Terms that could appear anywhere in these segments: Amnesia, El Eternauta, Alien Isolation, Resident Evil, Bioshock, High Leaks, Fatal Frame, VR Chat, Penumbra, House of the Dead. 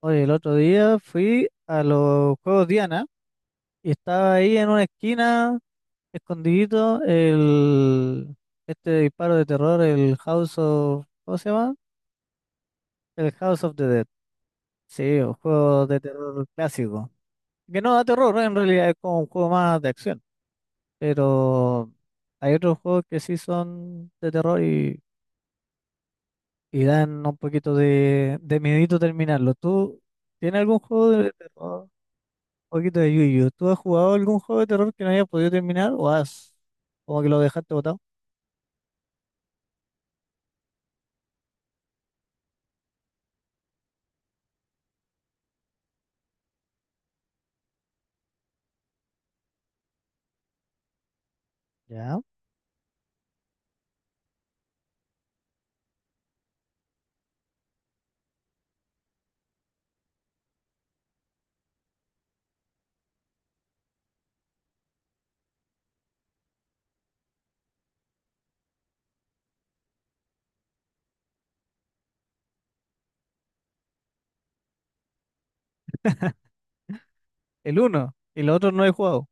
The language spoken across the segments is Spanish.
Oye, el otro día fui a los Juegos Diana y estaba ahí en una esquina, escondidito, el disparo de terror, el House of, ¿cómo se llama? El House of the Dead. Sí, un juego de terror clásico. Que no da terror, en realidad es como un juego más de acción. Pero hay otros juegos que sí son de terror y dan un poquito de miedito terminarlo. ¿Tú tienes algún juego de terror? Poquito de Yu Yuyu. ¿Tú has jugado algún juego de terror que no hayas podido terminar o has como que lo dejaste botado? Ya. El uno y los otros no he jugado.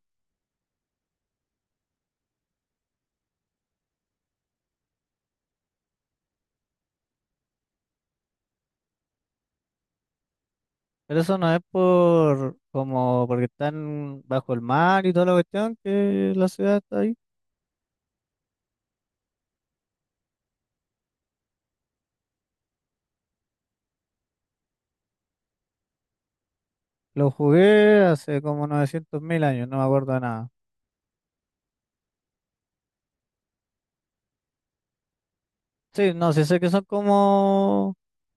Pero eso no es por como porque están bajo el mar y toda la cuestión que la ciudad está ahí. Lo jugué hace como 900 mil años, no me acuerdo de nada. Sí, no, sí sé que son como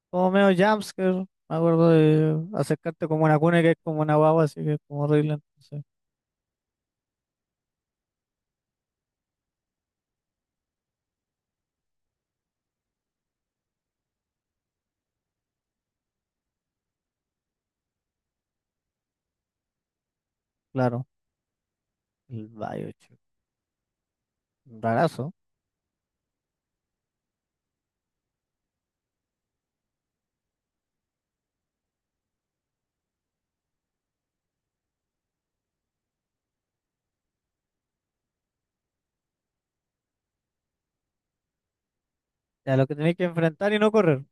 como medio jumpscare. Me acuerdo de acercarte como una cuna que es como una guagua, así que es como horrible. Entonces, claro, el Bioshock. Rarazo. A lo que tenéis que enfrentar y no correr.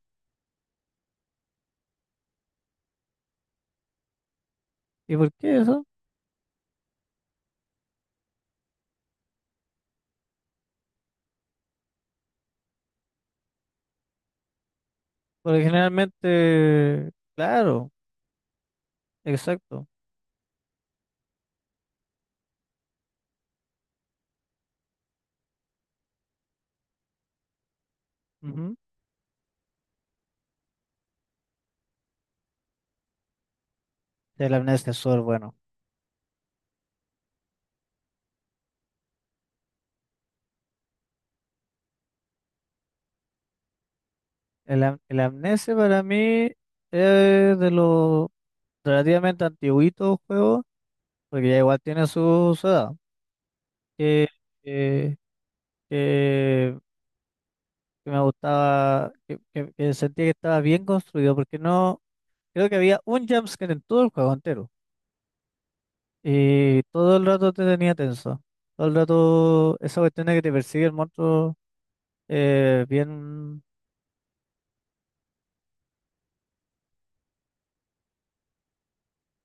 ¿Y por qué eso? Porque generalmente, claro, exacto. Ujú. El amnesia es súper bueno. El amnesia para mí es de los relativamente antiguitos juegos, porque ya igual tiene su edad. Que, que, que- que me gustaba, que sentía que estaba bien construido, porque no, creo que había un jumpscare en todo el juego entero. Y todo el rato te tenía tenso. Todo el rato esa cuestión de que te persigue el monstruo, bien,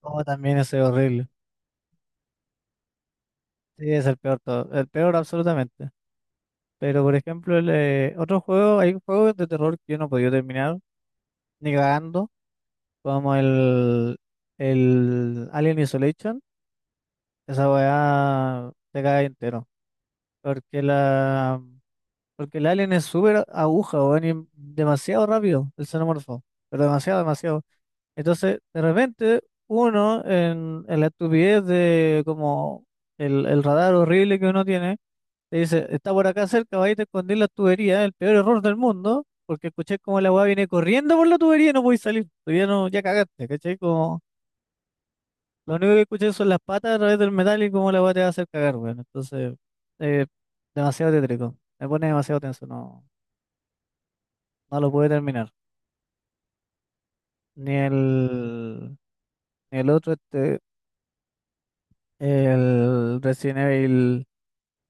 como también es horrible. Sí, es el peor todo, el peor absolutamente. Pero por ejemplo, el, otro juego, hay juegos de terror que yo no podía terminar, ni cagando, como el Alien Isolation, esa weá te cae entero. Porque la Porque el alien es súper aguja, weón, y demasiado rápido, el xenomorfo. Pero demasiado, demasiado. Entonces, de repente, uno en la estupidez de como el radar horrible que uno tiene, te dice, está por acá cerca, va a te escondí la tubería, el peor error del mundo, porque escuché como la weá viene corriendo por la tubería y no podéis salir, tú ya no, ya cagaste, ¿cachai? Como, lo único que escuché son las patas a través del metal y cómo la weá te va a hacer cagar, weón. Entonces, eh, demasiado tétrico, me pone demasiado tenso, no, no lo pude terminar. Ni el, ni el otro, este, el Resident Evil.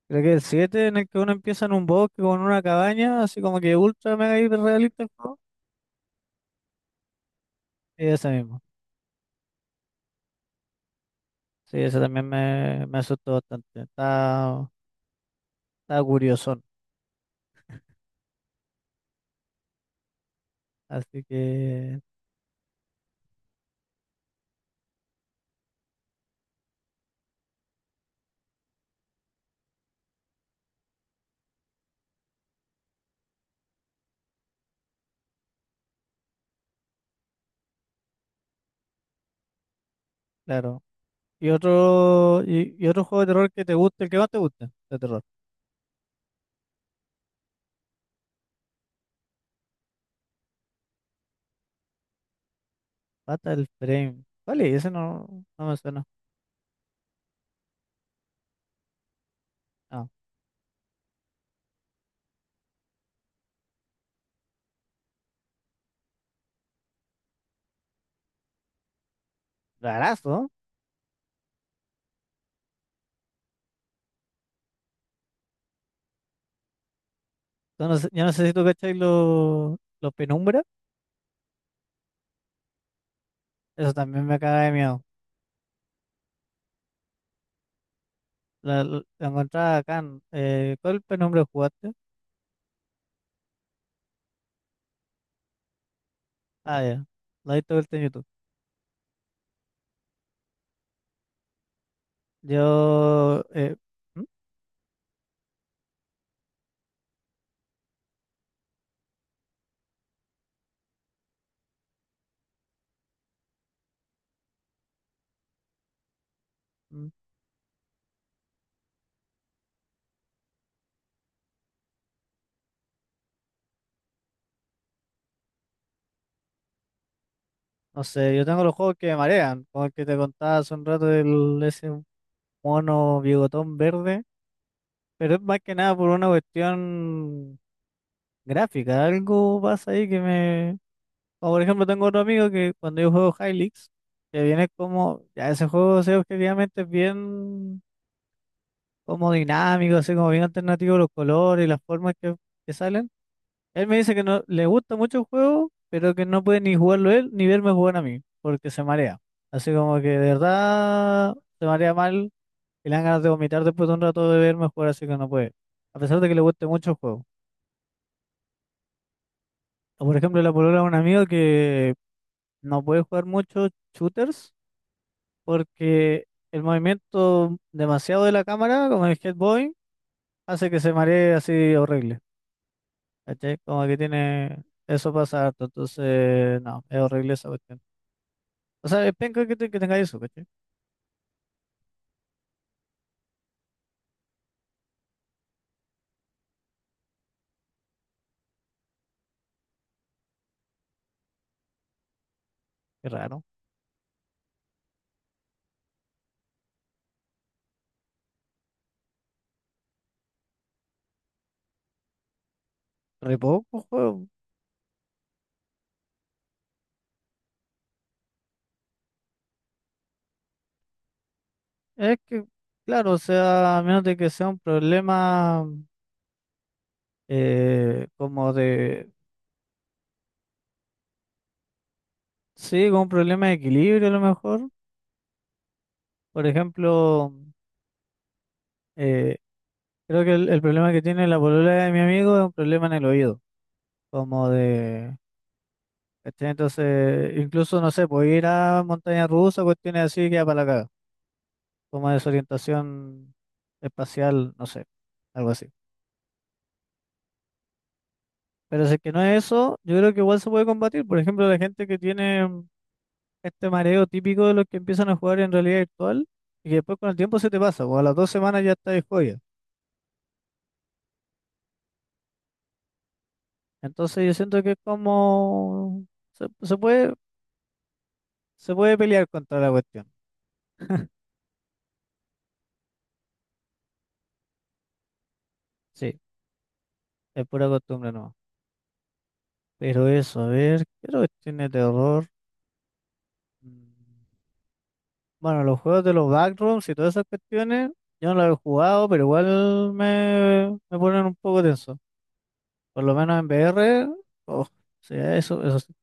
Creo que el 7 en el que uno empieza en un bosque con una cabaña, así como que ultra mega hiper realista el juego. Y ese mismo. Sí, ese también me asustó bastante. Está, está curiosón. Así que, claro. Y otro, y otro juego de terror que te guste, el que más te guste de terror. Fatal Frame. Vale, ese no, no me suena. No. Rarazo, ¿no? Yo no sé si tú cacháis los penumbra. Eso también me caga de miedo. La encontraba acá. ¿Cuál penumbra jugaste? Ah, ya. La he visto vuelta en YouTube. Yo, ¿mm? ¿Mm? No sé, yo tengo los juegos que me marean, como el que te contaba hace un rato del ese mono bigotón verde, pero es más que nada por una cuestión gráfica, algo pasa ahí que me... Como por ejemplo tengo otro amigo que cuando yo juego High Leaks, que viene como, ya ese juego o sea, objetivamente es bien como dinámico, así como bien alternativo los colores y las formas que salen. Él me dice que no le gusta mucho el juego, pero que no puede ni jugarlo él ni verme jugar a mí, porque se marea. Así como que de verdad se marea mal y le dan ganas de vomitar después de un rato de verme jugar, así que no puede. A pesar de que le guste mucho el juego. O por ejemplo, la polola de un amigo que no puede jugar mucho shooters porque el movimiento demasiado de la cámara, como el Head Boy, hace que se maree así horrible. ¿Cachai? Como que tiene. Eso pasa harto, entonces no, es horrible esa cuestión. O sea, es penca que, que tenga eso, ¿cachai? Qué raro. Re poco juego. Es que, claro, o sea, a menos de que sea un problema como de. Sí, como un problema de equilibrio a lo mejor. Por ejemplo, eh, creo que el problema que tiene la polola de mi amigo es un problema en el oído. Como de. ¿Cachai? Entonces, incluso, no sé, puede ir a montaña rusa, cuestiones así, queda para la caga. Como desorientación espacial, no sé, algo así. Pero si es que no es eso, yo creo que igual se puede combatir. Por ejemplo, la gente que tiene este mareo típico de los que empiezan a jugar en realidad virtual y que después con el tiempo se te pasa, o a las dos semanas ya estás de joya. Entonces yo siento que es como... Se, se puede pelear contra la cuestión. Sí, es pura costumbre no. Pero eso, a ver, ¿qué otra cuestión de terror? Mm, Bueno, los juegos de los backrooms y todas esas cuestiones, yo no los he jugado, pero igual me, me ponen un poco tenso. Por lo menos en VR, oh, sí, eso sí.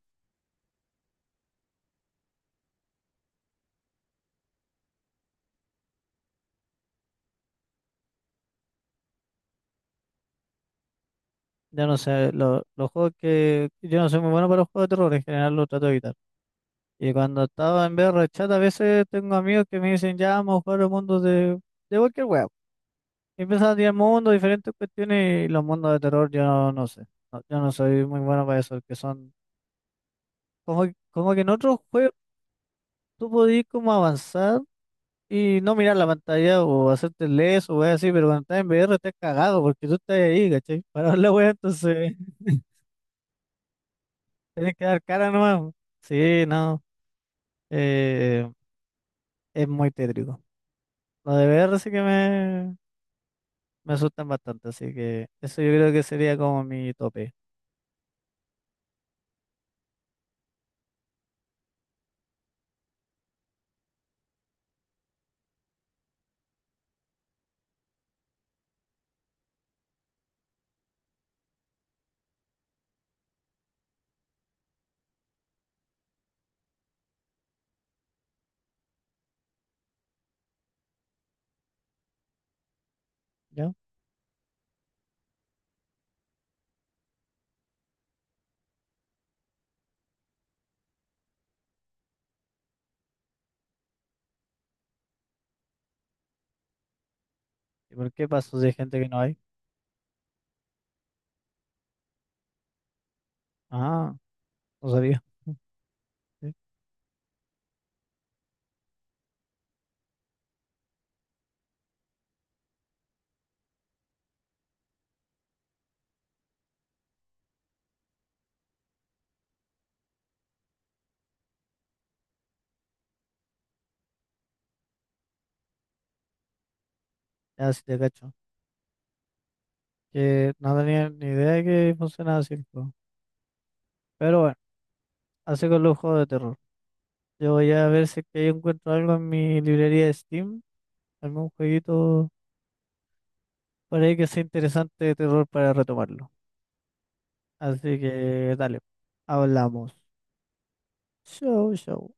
Yo no sé, los juegos que... Yo no soy muy bueno para los juegos de terror, en general los trato de evitar. Y cuando estaba en VR chat, a veces tengo amigos que me dicen, ya vamos a jugar el mundo de cualquier web. Y empiezan a tirar mundos, diferentes cuestiones, y los mundos de terror yo no, no sé. No, yo no soy muy bueno para eso, que son... Como, como que en otros juegos tú podías como avanzar. Y no mirar la pantalla o hacerte el leso o weas así, pero cuando estás en VR estás cagado porque tú estás ahí, ¿cachai? Para ver la wea, entonces tienes que dar cara nomás. Sí, no, eh, es muy tétrico. Lo de VR sí que me asustan bastante, así que eso yo creo que sería como mi tope, ¿ya? ¿Y por qué paso si hay gente que no hay? Ah, no sabía. Sí, ya sí te cacho. Que no tenía ni idea de que funcionaba así el juego. Pero bueno, así con los juegos de terror. Yo voy a ver si es que yo encuentro algo en mi librería de Steam, algún jueguito por ahí que sea interesante de terror para retomarlo. Así que dale, hablamos. Chau, chau.